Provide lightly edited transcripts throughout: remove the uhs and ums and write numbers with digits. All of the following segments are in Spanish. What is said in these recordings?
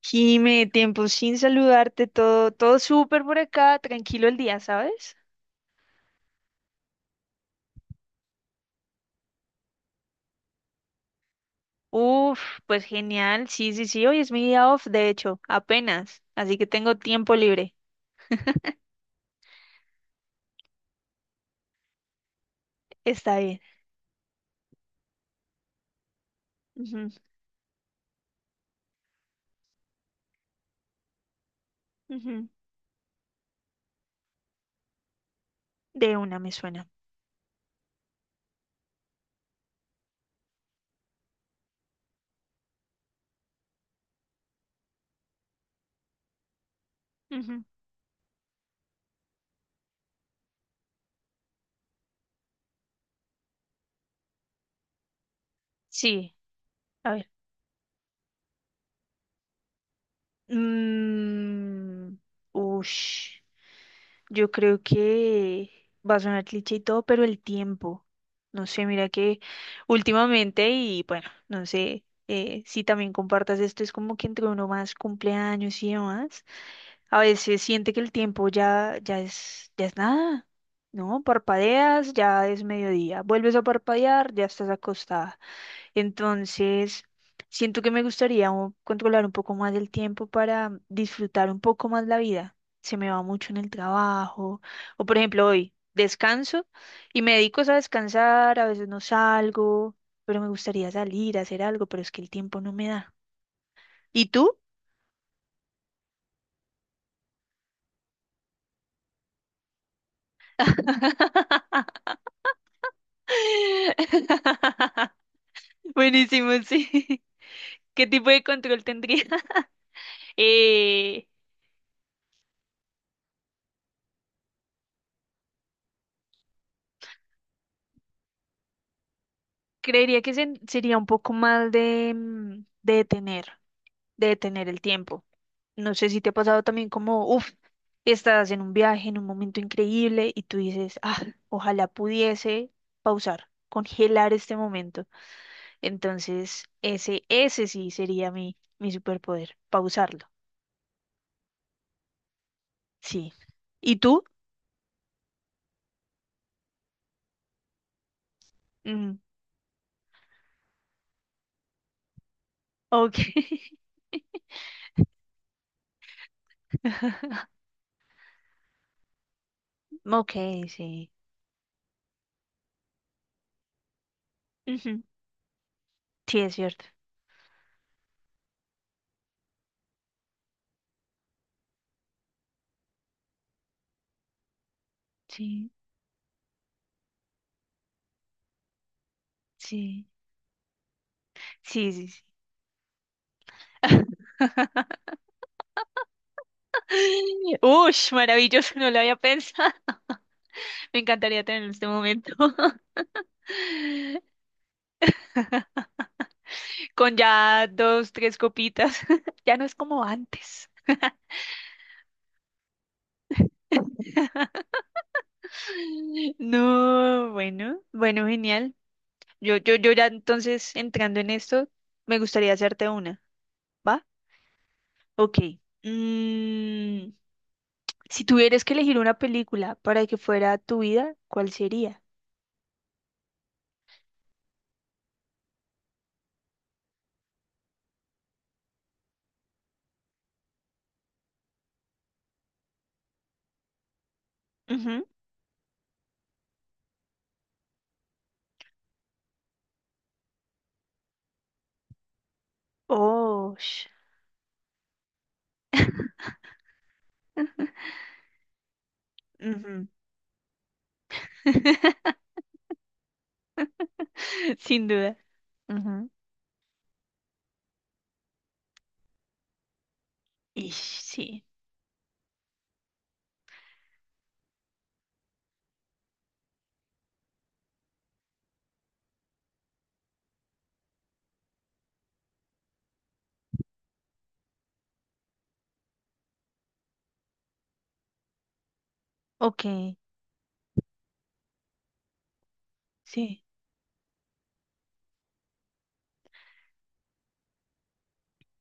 Jime, tiempo sin saludarte, todo, todo súper por acá, tranquilo el día, ¿sabes? Uf, pues genial, sí, sí, sí, hoy es mi día off, de hecho, apenas, así que tengo tiempo libre, está bien. Ujú, ujú, de una me suena. Ujú, sí, a ver. Mm, ush. Yo creo que va a sonar cliché y todo, pero el tiempo. No sé, mira que últimamente, y bueno, no sé si también compartas esto, es como que entre uno más cumpleaños y demás, a veces siente que el tiempo ya es nada, ¿no? Parpadeas, ya es mediodía, vuelves a parpadear, ya estás acostada. Entonces, siento que me gustaría controlar un poco más el tiempo para disfrutar un poco más la vida. Se me va mucho en el trabajo. O por ejemplo, hoy descanso y me dedico a descansar, a veces no salgo, pero me gustaría salir a hacer algo, pero es que el tiempo no me da. ¿Y tú? Buenísimo, sí. ¿Qué tipo de control tendría? Eh, creería que sería un poco más de, de detener. De detener el tiempo. No sé si te ha pasado también como, uff, estás en un viaje, en un momento increíble y tú dices, ah, ojalá pudiese pausar, congelar este momento. Entonces, ese sí sería mi superpoder, pausarlo. Sí. ¿Y tú? Mm, ok. Ok, sí. Ujú. Sí, es cierto. Sí, sí. Sí, sí, sí. Ush, maravilloso, no lo había pensado. Me encantaría tener este momento. Con ya dos, tres copitas. Ya no es como antes. No, bueno, bueno, genial. Yo ya entonces entrando en esto, me gustaría hacerte una, ¿va? Ok. Mm, si tuvieras que elegir una película para que fuera tu vida, ¿cuál sería? Ujú. Oh, sh- ujú. Sin duda. Ujú. Ish, sí. Ok, sí,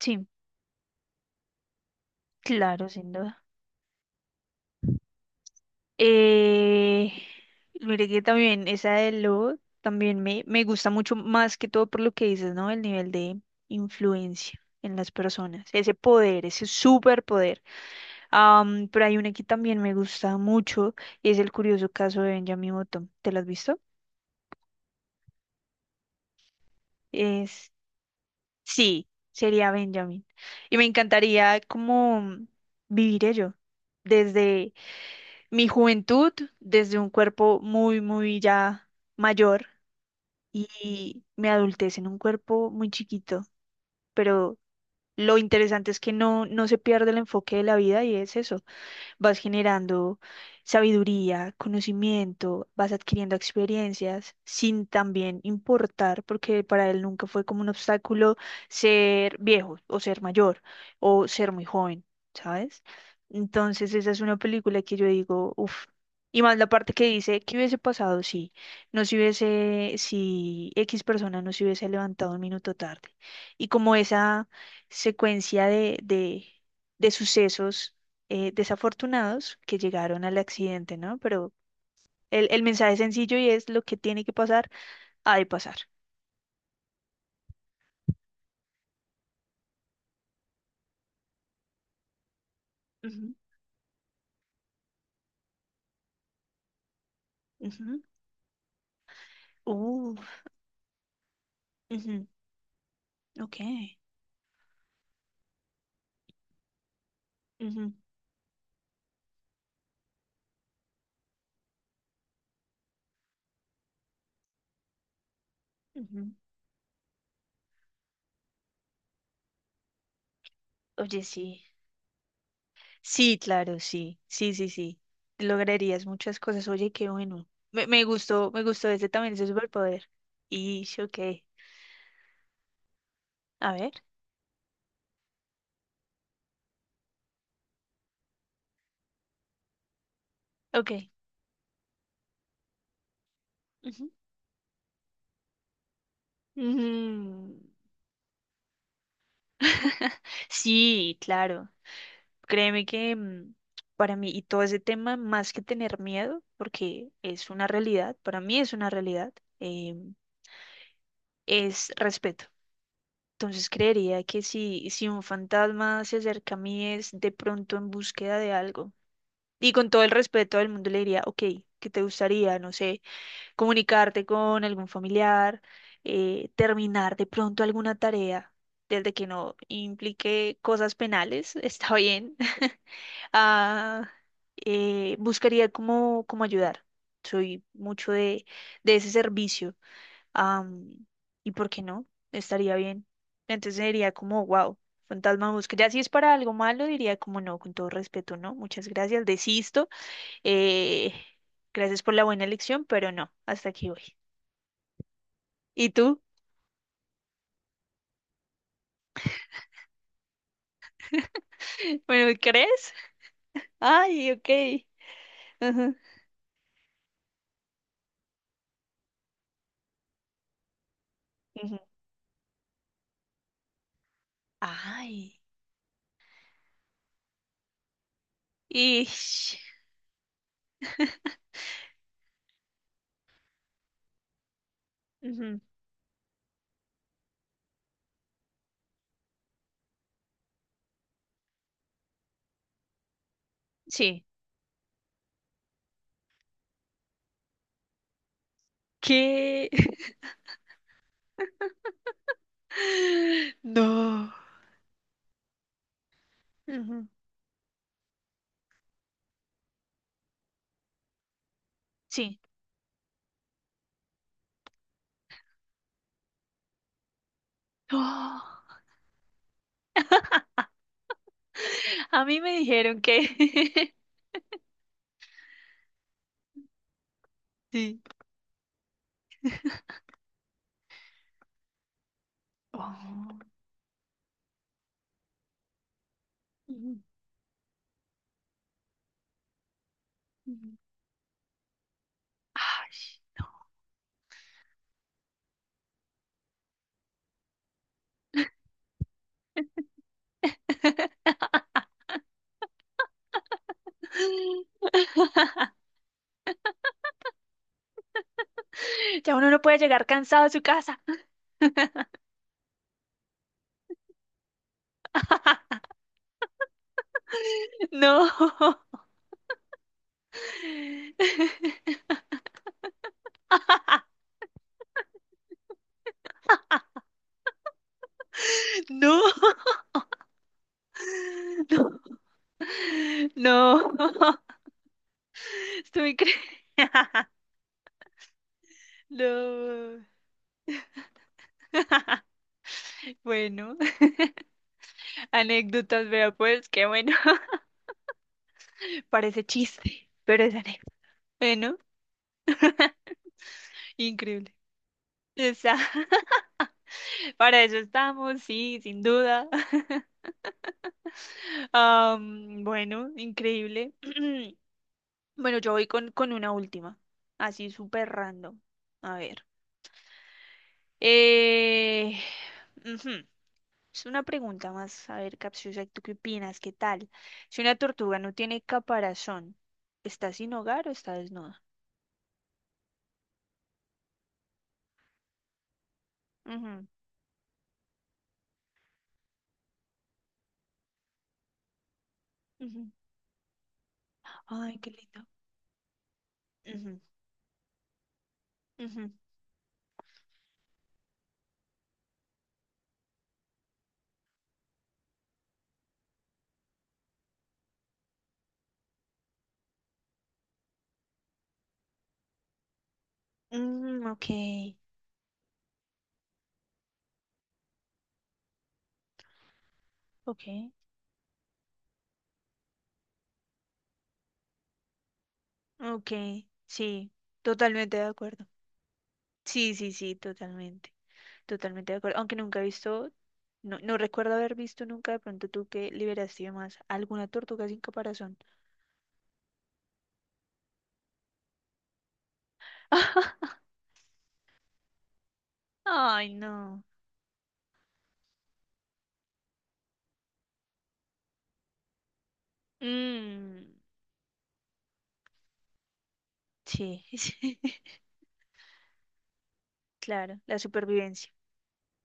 sí, claro, sin duda. Eh, mire que también esa de lobo también me gusta mucho más que todo por lo que dices, ¿no? El nivel de influencia en las personas, ese poder, ese superpoder. Pero hay una que también me gusta mucho y es el curioso caso de Benjamin Button. ¿Te lo has visto? Es, sí, sería Benjamin. Y me encantaría como vivir ello desde mi juventud, desde un cuerpo muy, muy ya mayor y me adultece en un cuerpo muy chiquito, pero lo interesante es que no, no se pierde el enfoque de la vida y es eso, vas generando sabiduría, conocimiento, vas adquiriendo experiencias sin también importar, porque para él nunca fue como un obstáculo ser viejo o ser mayor o ser muy joven, ¿sabes? Entonces esa es una película que yo digo, uff. Y más la parte que dice, ¿qué hubiese pasado si no se hubiese, si X persona no se hubiese levantado un minuto tarde? Y como esa secuencia de sucesos desafortunados que llegaron al accidente, ¿no? Pero el mensaje es sencillo y es lo que tiene que pasar, ha de pasar. Ujú, ujú. Uh, ujú, ok. Ujú, ujú. Oye, sí. Sí, claro, sí. Sí, sí, sí. Lograrías muchas cosas. Oye, qué bueno. Me, me gustó ese también, ese superpoder. Y, sí, ok. A ver, ok. Ujú. Mm. Sí, claro. Créeme que para mí, y todo ese tema, más que tener miedo, porque es una realidad, para mí es una realidad, eh, es respeto. Entonces creería que si un fantasma se acerca a mí es de pronto en búsqueda de algo. Y con todo el respeto del mundo le diría, ok, ¿qué te gustaría? No sé, comunicarte con algún familiar, terminar de pronto alguna tarea, desde que no implique cosas penales, está bien ah, buscaría cómo, cómo ayudar. Soy mucho de ese servicio. am, ¿Y por qué no? Estaría bien. Entonces diría como, wow, fantasma busca. Ya si es para algo malo, diría como no, con todo respeto, no. Muchas gracias, desisto. eh, gracias por la buena elección, pero no, hasta aquí voy. ¿Y tú? ¿Me crees? Ay, ok. Ajá, ujú. Ay. Y... Ujú, sí. ¿Qué? No. Ujú, sí. Oh, a mí me dijeron que... sí. Oh, ujú, ujú. Ay. Ya uno no puede llegar cansado a su casa. No, no. No, no. Estuve increíble. No. Bueno, anécdotas, vea pues, qué bueno. Parece chiste, pero es anécdota. Bueno, increíble. Esa. Para eso estamos, sí, sin duda. Bueno, increíble. Bueno, yo voy con una última, así súper random. A ver. Eh, ujú. Es una pregunta más, a ver, capciosa, ¿tú qué opinas? ¿Qué tal? Si una tortuga no tiene caparazón, ¿está sin hogar o está desnuda? Ujú, ujú. Ay, qué lindo. Ujú, ujú. Mm, ok, ok, ok, sí, totalmente de acuerdo. Sí, sí, sí, totalmente. Totalmente de acuerdo. Aunque nunca he visto, no, no recuerdo haber visto nunca de pronto tú que liberaste más alguna tortuga sin caparazón. Ay, no. Mm, sí, sí. Claro, la supervivencia.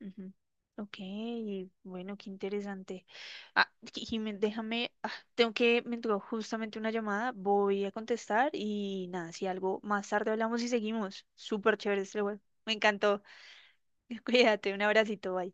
Ujú. Ok, bueno, qué interesante. Ah, Jimé, déjame, ah, tengo que, me entró justamente una llamada, voy a contestar y nada, si algo más tarde hablamos y seguimos. Súper chévere este juego. Me encantó. Cuídate, un abracito, bye.